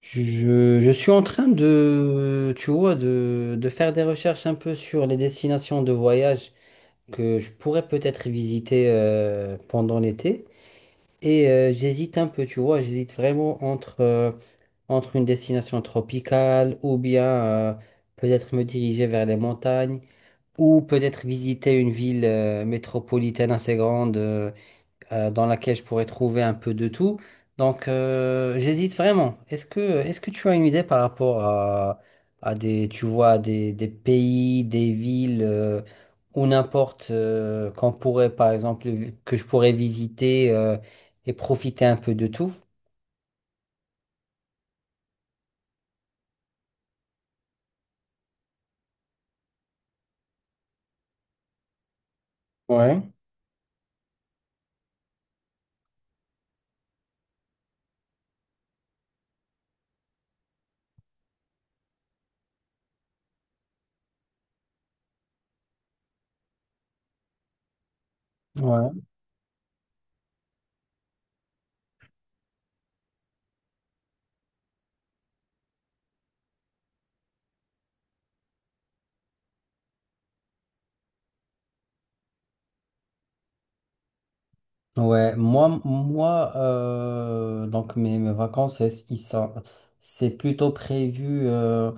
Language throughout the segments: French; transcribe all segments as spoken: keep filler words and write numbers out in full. Je, je suis en train de, tu vois, de, de faire des recherches un peu sur les destinations de voyage que je pourrais peut-être visiter euh, pendant l'été. Et euh, j'hésite un peu, tu vois, j'hésite vraiment entre, euh, entre une destination tropicale ou bien euh, peut-être me diriger vers les montagnes ou peut-être visiter une ville euh, métropolitaine assez grande. Euh, euh, dans laquelle je pourrais trouver un peu de tout. Donc, euh, j'hésite vraiment. Est-ce que, est-ce que tu as une idée par rapport à, à des, tu vois, des, des pays, des villes euh, ou n'importe euh, qu'on pourrait, par exemple, que je pourrais visiter euh, et profiter un peu de tout? Ouais, ouais. Ouais, moi, moi euh, donc mes, mes vacances, elles- ils sont, c'est plutôt prévu euh,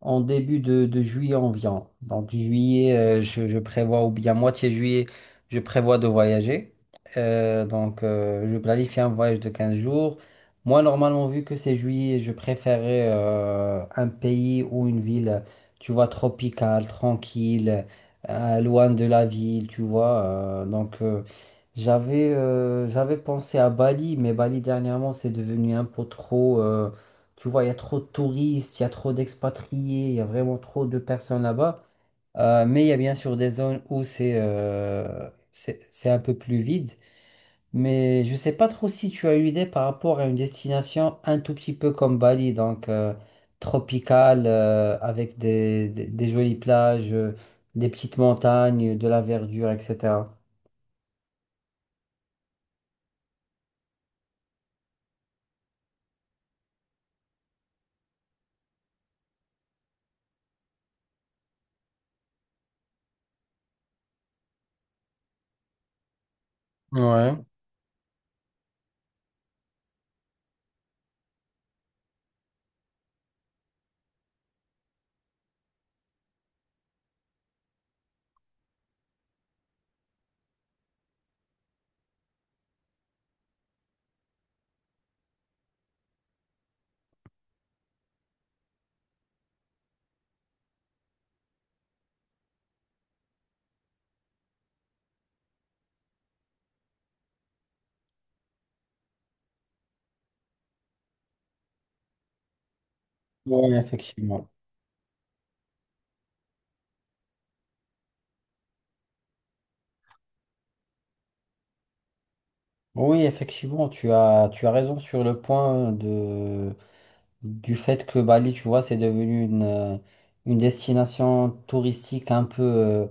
en début de, de juillet environ. Donc juillet, euh, je, je prévois, ou bien moitié juillet, je prévois de voyager. Euh, donc euh, je planifie un voyage de quinze jours. Moi, normalement, vu que c'est juillet, je préférais euh, un pays ou une ville, tu vois, tropicale, tranquille, euh, loin de la ville, tu vois. euh, donc... euh, j'avais euh, j'avais pensé à Bali, mais Bali dernièrement c'est devenu un peu trop. euh, Tu vois, il y a trop de touristes, il y a trop d'expatriés, il y a vraiment trop de personnes là-bas. Euh, mais il y a bien sûr des zones où c'est euh, c'est c'est un peu plus vide. Mais je sais pas trop si tu as une idée par rapport à une destination un tout petit peu comme Bali, donc euh, tropicale, euh, avec des, des, des jolies plages, euh, des petites montagnes, de la verdure, et cetera. Ouais. ouais effectivement. Oui, effectivement, tu as, tu as raison sur le point de, du fait que Bali, tu vois, c'est devenu une, euh, une destination touristique un peu euh,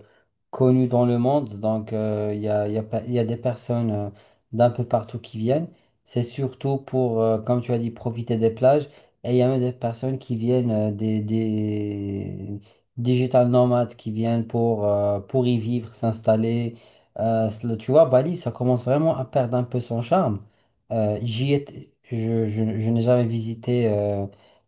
connue dans le monde. Donc, euh, il y a, il y a pa- il y a des personnes euh, d'un peu partout qui viennent. C'est surtout pour, euh, comme tu as dit, profiter des plages. Et il y a même des personnes qui viennent euh, des, des digital nomades qui viennent pour, euh, pour y vivre, s'installer. Euh, tu vois, Bali, ça commence vraiment à perdre un peu son charme. Euh, j'y étais- je, je- Je n'ai jamais visité euh,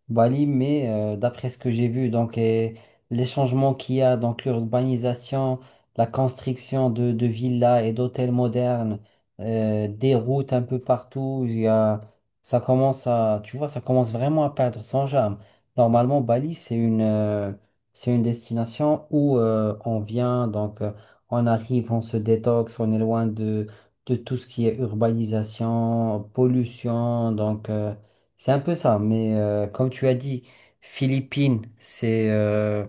Bali, mais euh, d'après ce que j'ai vu, donc et les changements qu'il y a, donc l'urbanisation, la construction de, de villas et d'hôtels modernes, euh, des routes un peu partout, il y a, ça commence à, tu vois, ça commence vraiment à perdre son charme. Normalement, Bali, c'est une, euh, c'est une destination où euh, on vient, donc euh, on arrive, on se détoxe, on est loin de tout ce qui est urbanisation, pollution. Donc, euh, c'est un peu ça. Mais euh, comme tu as dit, Philippines, c'est euh,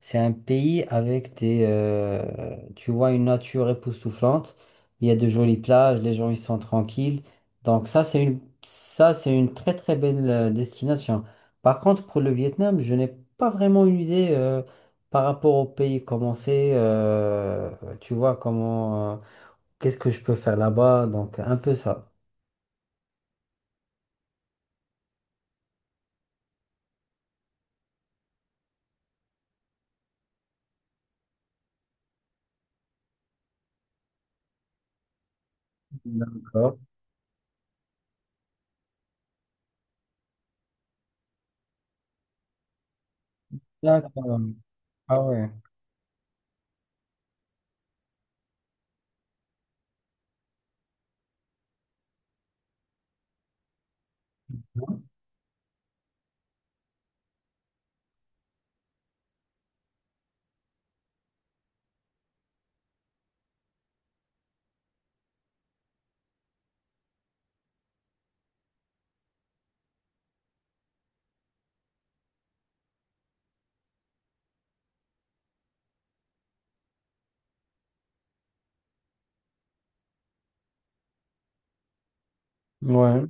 c'est un pays avec des, euh, tu vois, une nature époustouflante. Il y a de jolies plages, les gens ils sont tranquilles. Donc ça, c'est une, ça, c'est une très très belle euh, destination. Par contre, pour le Vietnam, je n'ai pas vraiment une idée euh, par rapport au pays. Comment c'est, euh, tu vois, comment. euh, Qu'est-ce que je peux faire là-bas? Donc, un peu ça. D'accord. D'accord. Ah ouais. Ouais.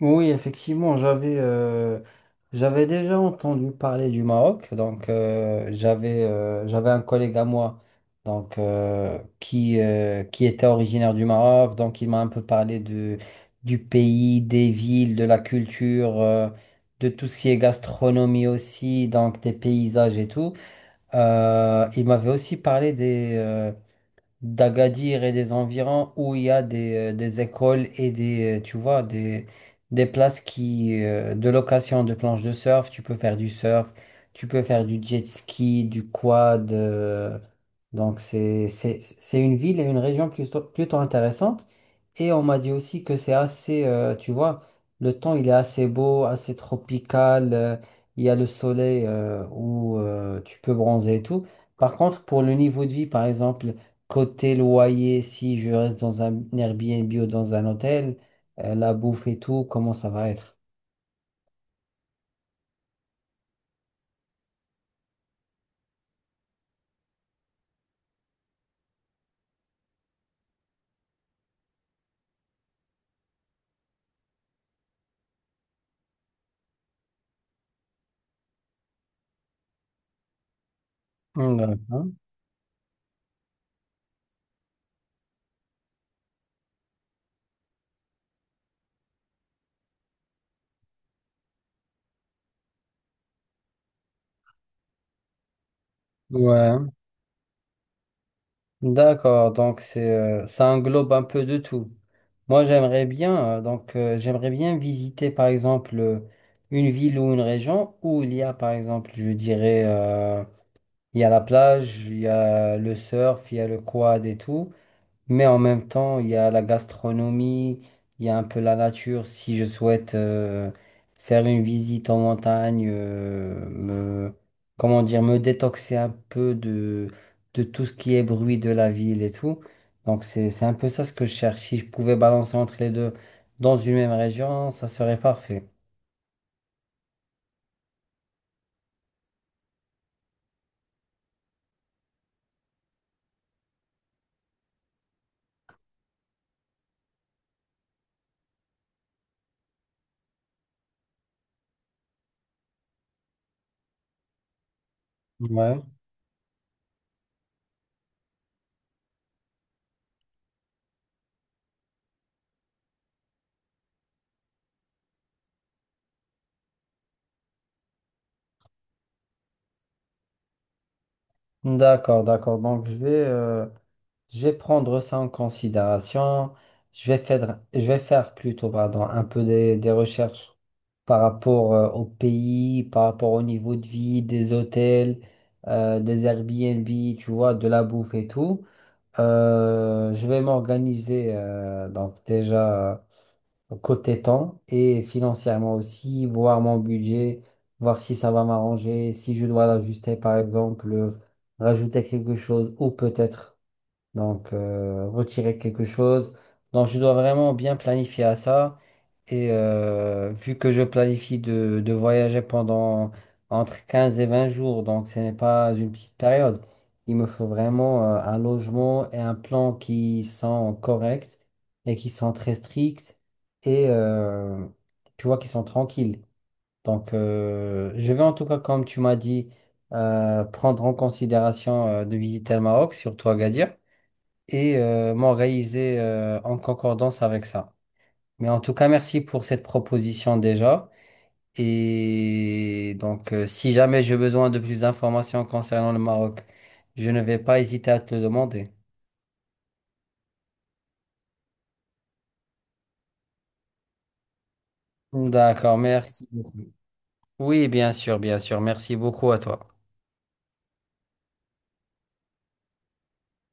Oui, effectivement, j'avais euh, j'avais déjà entendu parler du Maroc. Donc, euh, j'avais euh, j'avais un collègue à moi donc, euh, qui, euh, qui était originaire du Maroc. Donc, il m'a un peu parlé de, du pays, des villes, de la culture, euh, de tout ce qui est gastronomie aussi, donc des paysages et tout. Euh, il m'avait aussi parlé des euh, d'Agadir et des environs où il y a des, euh, des écoles et des, euh, tu vois, des, des places qui, euh, de location de planches de surf. Tu peux faire du surf, tu peux faire du jet ski, du quad. euh, donc c'est, c'est, c'est une ville et une région plutôt, plutôt intéressante. Et on m'a dit aussi que c'est assez, euh, tu vois, le temps il est assez beau, assez tropical. Euh, il y a le soleil euh, où euh, tu peux bronzer et tout. Par contre, pour le niveau de vie, par exemple, côté loyer, si je reste dans un Airbnb ou dans un hôtel, euh, la bouffe et tout, comment ça va être? D'accord. Ouais. D'accord, donc c'est euh, ça englobe un peu de tout. Moi, j'aimerais bien euh, donc euh, j'aimerais bien visiter par exemple euh, une ville ou une région où il y a par exemple, je dirais euh, il y a la plage, il y a le surf, il y a le quad et tout. Mais en même temps, il y a la gastronomie, il y a un peu la nature. Si je souhaite euh, faire une visite en montagne, euh, me, comment dire, me détoxer un peu de, de tout ce qui est bruit de la ville et tout. Donc c'est, c'est un peu ça ce que je cherche. Si je pouvais balancer entre les deux dans une même région, ça serait parfait. Ouais. D'accord, d'accord. Donc, je vais, euh, je vais prendre ça en considération. Je vais faire, je vais faire plutôt, pardon, un peu des, des recherches par rapport, euh, au pays, par rapport au niveau de vie, des hôtels, euh, des Airbnb, tu vois, de la bouffe et tout. Euh, je vais m'organiser, euh, donc déjà côté temps et financièrement aussi, voir mon budget, voir si ça va m'arranger, si je dois l'ajuster par exemple, euh, rajouter quelque chose ou peut-être donc, euh, retirer quelque chose. Donc, je dois vraiment bien planifier à ça. Et euh, vu que je planifie de, de voyager pendant entre quinze et vingt jours, donc ce n'est pas une petite période, il me faut vraiment euh, un logement et un plan qui sont corrects et qui sont très stricts et euh, tu vois, qui sont tranquilles. Donc, euh, je vais en tout cas, comme tu m'as dit, euh, prendre en considération euh, de visiter le Maroc, surtout Agadir et euh, m'en réaliser euh, en concordance avec ça. Mais en tout cas, merci pour cette proposition déjà. Et donc, euh, si jamais j'ai besoin de plus d'informations concernant le Maroc, je ne vais pas hésiter à te le demander. D'accord, merci beaucoup. Oui, bien sûr, bien sûr. Merci beaucoup à toi.